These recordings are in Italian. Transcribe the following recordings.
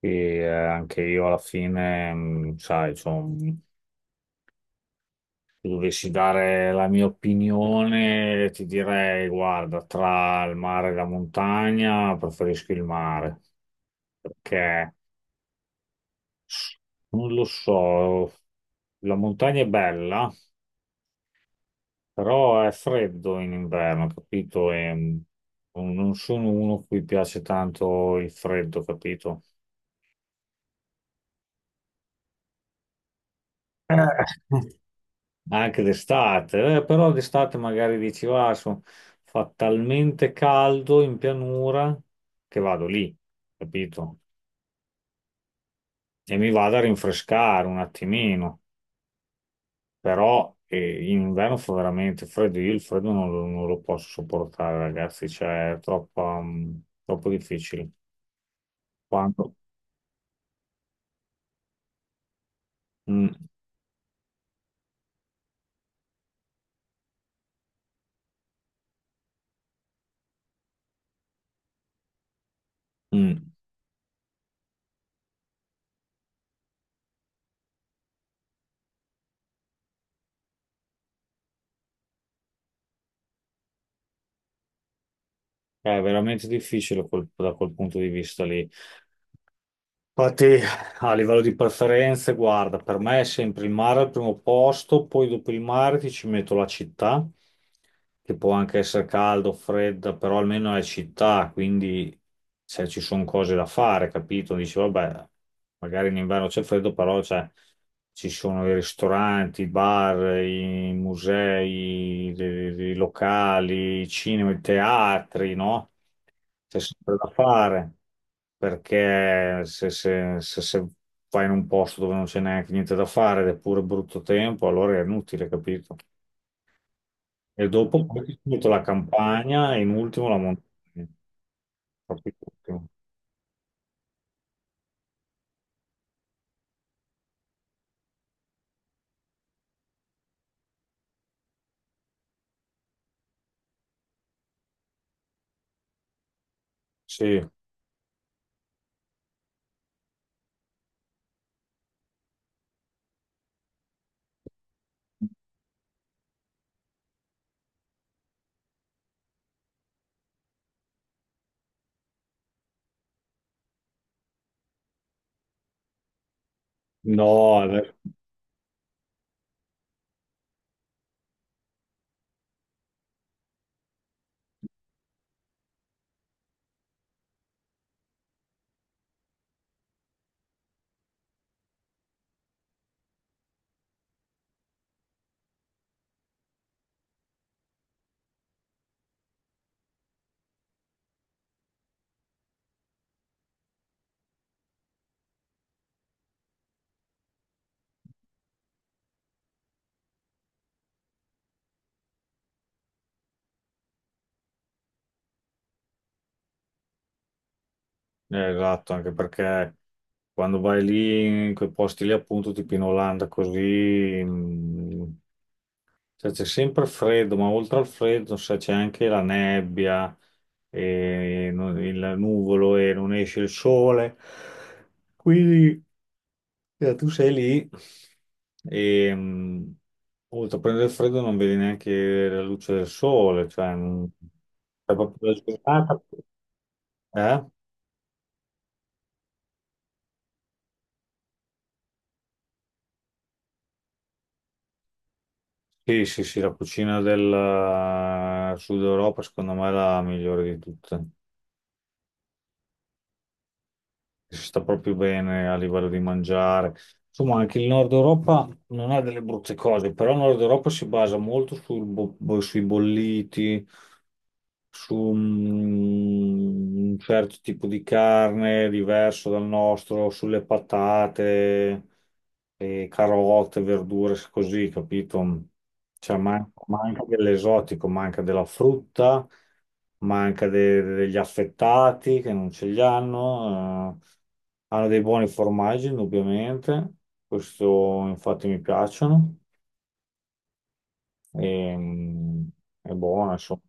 Anche io alla fine, sai, insomma, se dovessi dare la mia opinione, ti direi, guarda, tra il mare e la montagna, preferisco il mare, perché non lo so, la montagna è bella, però è freddo in inverno, capito? Non sono uno a cui piace tanto il freddo, capito? Eh, Eh, anche d'estate, però d'estate magari dici, va, fa talmente caldo in pianura che vado lì, capito? E mi vado a rinfrescare un attimino, però in inverno fa veramente freddo, io il freddo non, lo non lo posso sopportare, ragazzi, cioè è troppo, troppo difficile. Quando... Mm, mm. È veramente difficile da quel punto di vista lì. Infatti, a livello di preferenze, guarda, per me è sempre il mare al primo posto, poi dopo il mare ti ci metto la città, che può anche essere caldo, fredda, però almeno è città, quindi se ci sono cose da fare, capito? Dici, vabbè, magari in inverno c'è freddo, però cioè, ci sono i ristoranti, i bar, i musei, i locali, i cinema, i teatri, no? C'è sempre da fare, perché se vai in un posto dove non c'è neanche niente da fare ed è pure brutto tempo, allora è inutile, capito? E dopo poi ti metto la campagna e in ultimo la montagna. Proprio ultimo. Sì, no, esatto, anche perché quando vai lì in quei posti lì appunto tipo in Olanda così, cioè, c'è sempre freddo, ma oltre al freddo, sai, c'è anche la nebbia, e il nuvolo e non esce il sole. Quindi tu sei lì e, oltre a prendere il freddo non vedi neanche la luce del sole, cioè è proprio la giornata. Eh? Sì, sì, sì, la cucina del Sud Europa secondo me è la migliore di tutte. Si sta proprio bene a livello di mangiare. Insomma, anche il Nord Europa non ha delle brutte cose, però il Nord Europa si basa molto sui bolliti, su un certo tipo di carne diverso dal nostro, sulle patate, e carote, verdure, così, capito? Cioè, manca dell'esotico, manca della frutta, manca degli affettati che non ce li hanno. Eh. Hanno dei buoni formaggi, indubbiamente. Questo infatti mi piacciono. E, mm, è buono, insomma.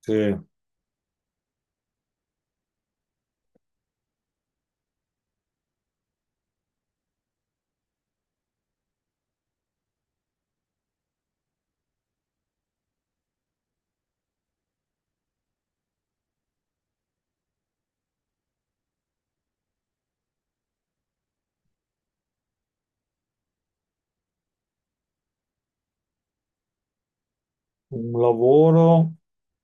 Sì. Un lavoro,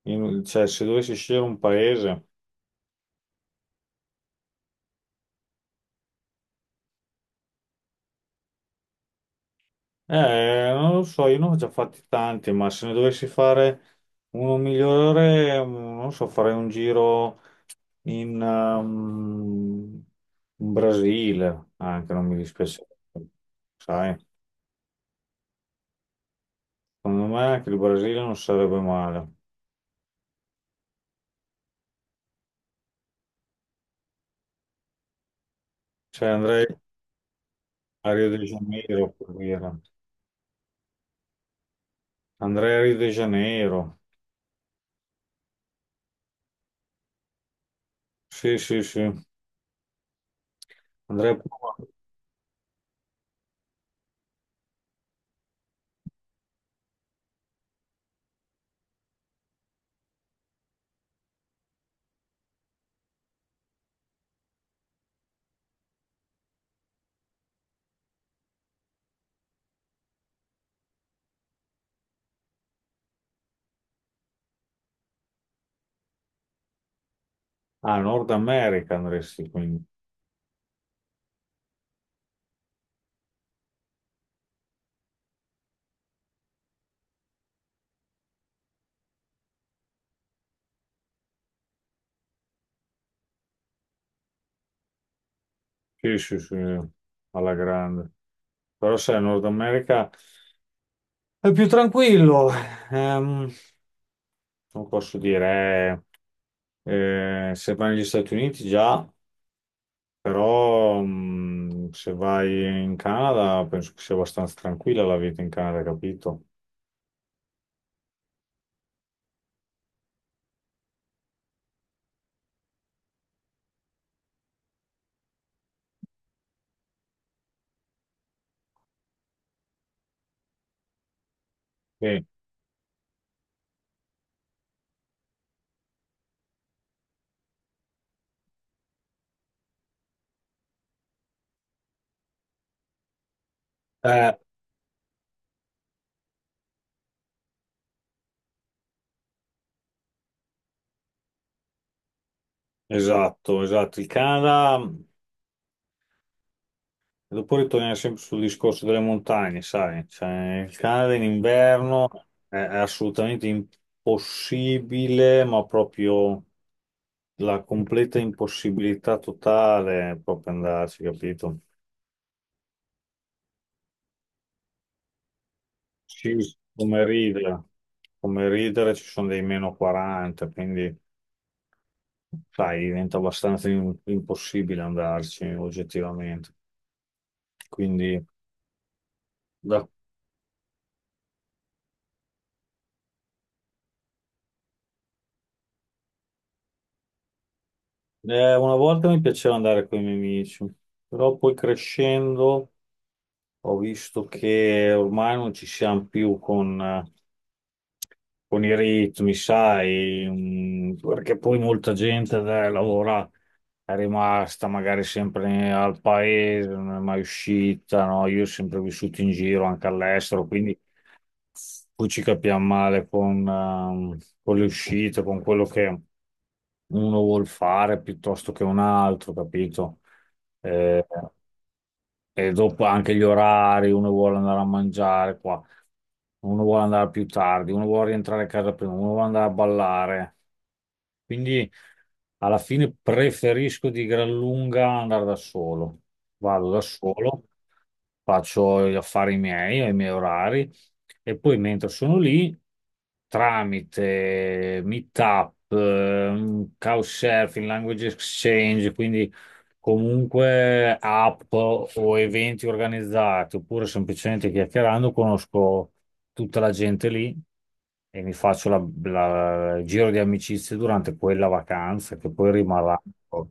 cioè se dovessi scegliere un paese, non lo so, io ne ho già fatti tanti, ma se ne dovessi fare uno migliore, non so, farei un giro in, ehm, in Brasile, anche non mi dispiace, sai, secondo me anche il Brasile non sarebbe male, cioè andrei a Rio de Janeiro, per dire. Andrei a Rio de Janeiro, sì, sì, sì, andrei a... Ah, Nord America andresti quindi. Sì, sì, sì, alla grande. Però sai, Nord America è più tranquillo. Ehm, non posso dire, se vai negli Stati Uniti già, però se vai in Canada penso che sia abbastanza tranquilla la vita in Canada, capito? Sì. Eh, esatto, esatto. Il Canada. Dopo ritorniamo sempre sul discorso delle montagne, sai, cioè, il Canada in inverno è assolutamente impossibile, ma proprio la completa impossibilità totale è proprio andarci, capito? Sì, come ridere, come ridere ci sono dei meno 40, quindi sai, diventa abbastanza impossibile andarci oggettivamente. Quindi da- una volta mi piaceva andare con i miei amici, però poi crescendo. Ho visto che ormai non ci siamo più con i ritmi, sai, perché poi molta gente lavora, è rimasta magari sempre al paese, non è mai uscita, no? Io ho sempre vissuto in giro anche all'estero, quindi poi ci capiamo male con le uscite, con quello che uno vuol fare piuttosto che un altro, capito? Eh, e dopo anche gli orari, uno vuole andare a mangiare qua, uno vuole andare più tardi, uno vuole rientrare a casa prima, uno vuole andare a ballare. Quindi alla fine preferisco di gran lunga andare da solo. Vado da solo, faccio gli affari miei, ho i miei orari e poi mentre sono lì, tramite Meetup, Couchsurfing, Language Exchange, quindi comunque app o eventi organizzati, oppure semplicemente chiacchierando, conosco tutta la gente lì e mi faccio il giro di amicizie durante quella vacanza che poi rimarrà. Ecco.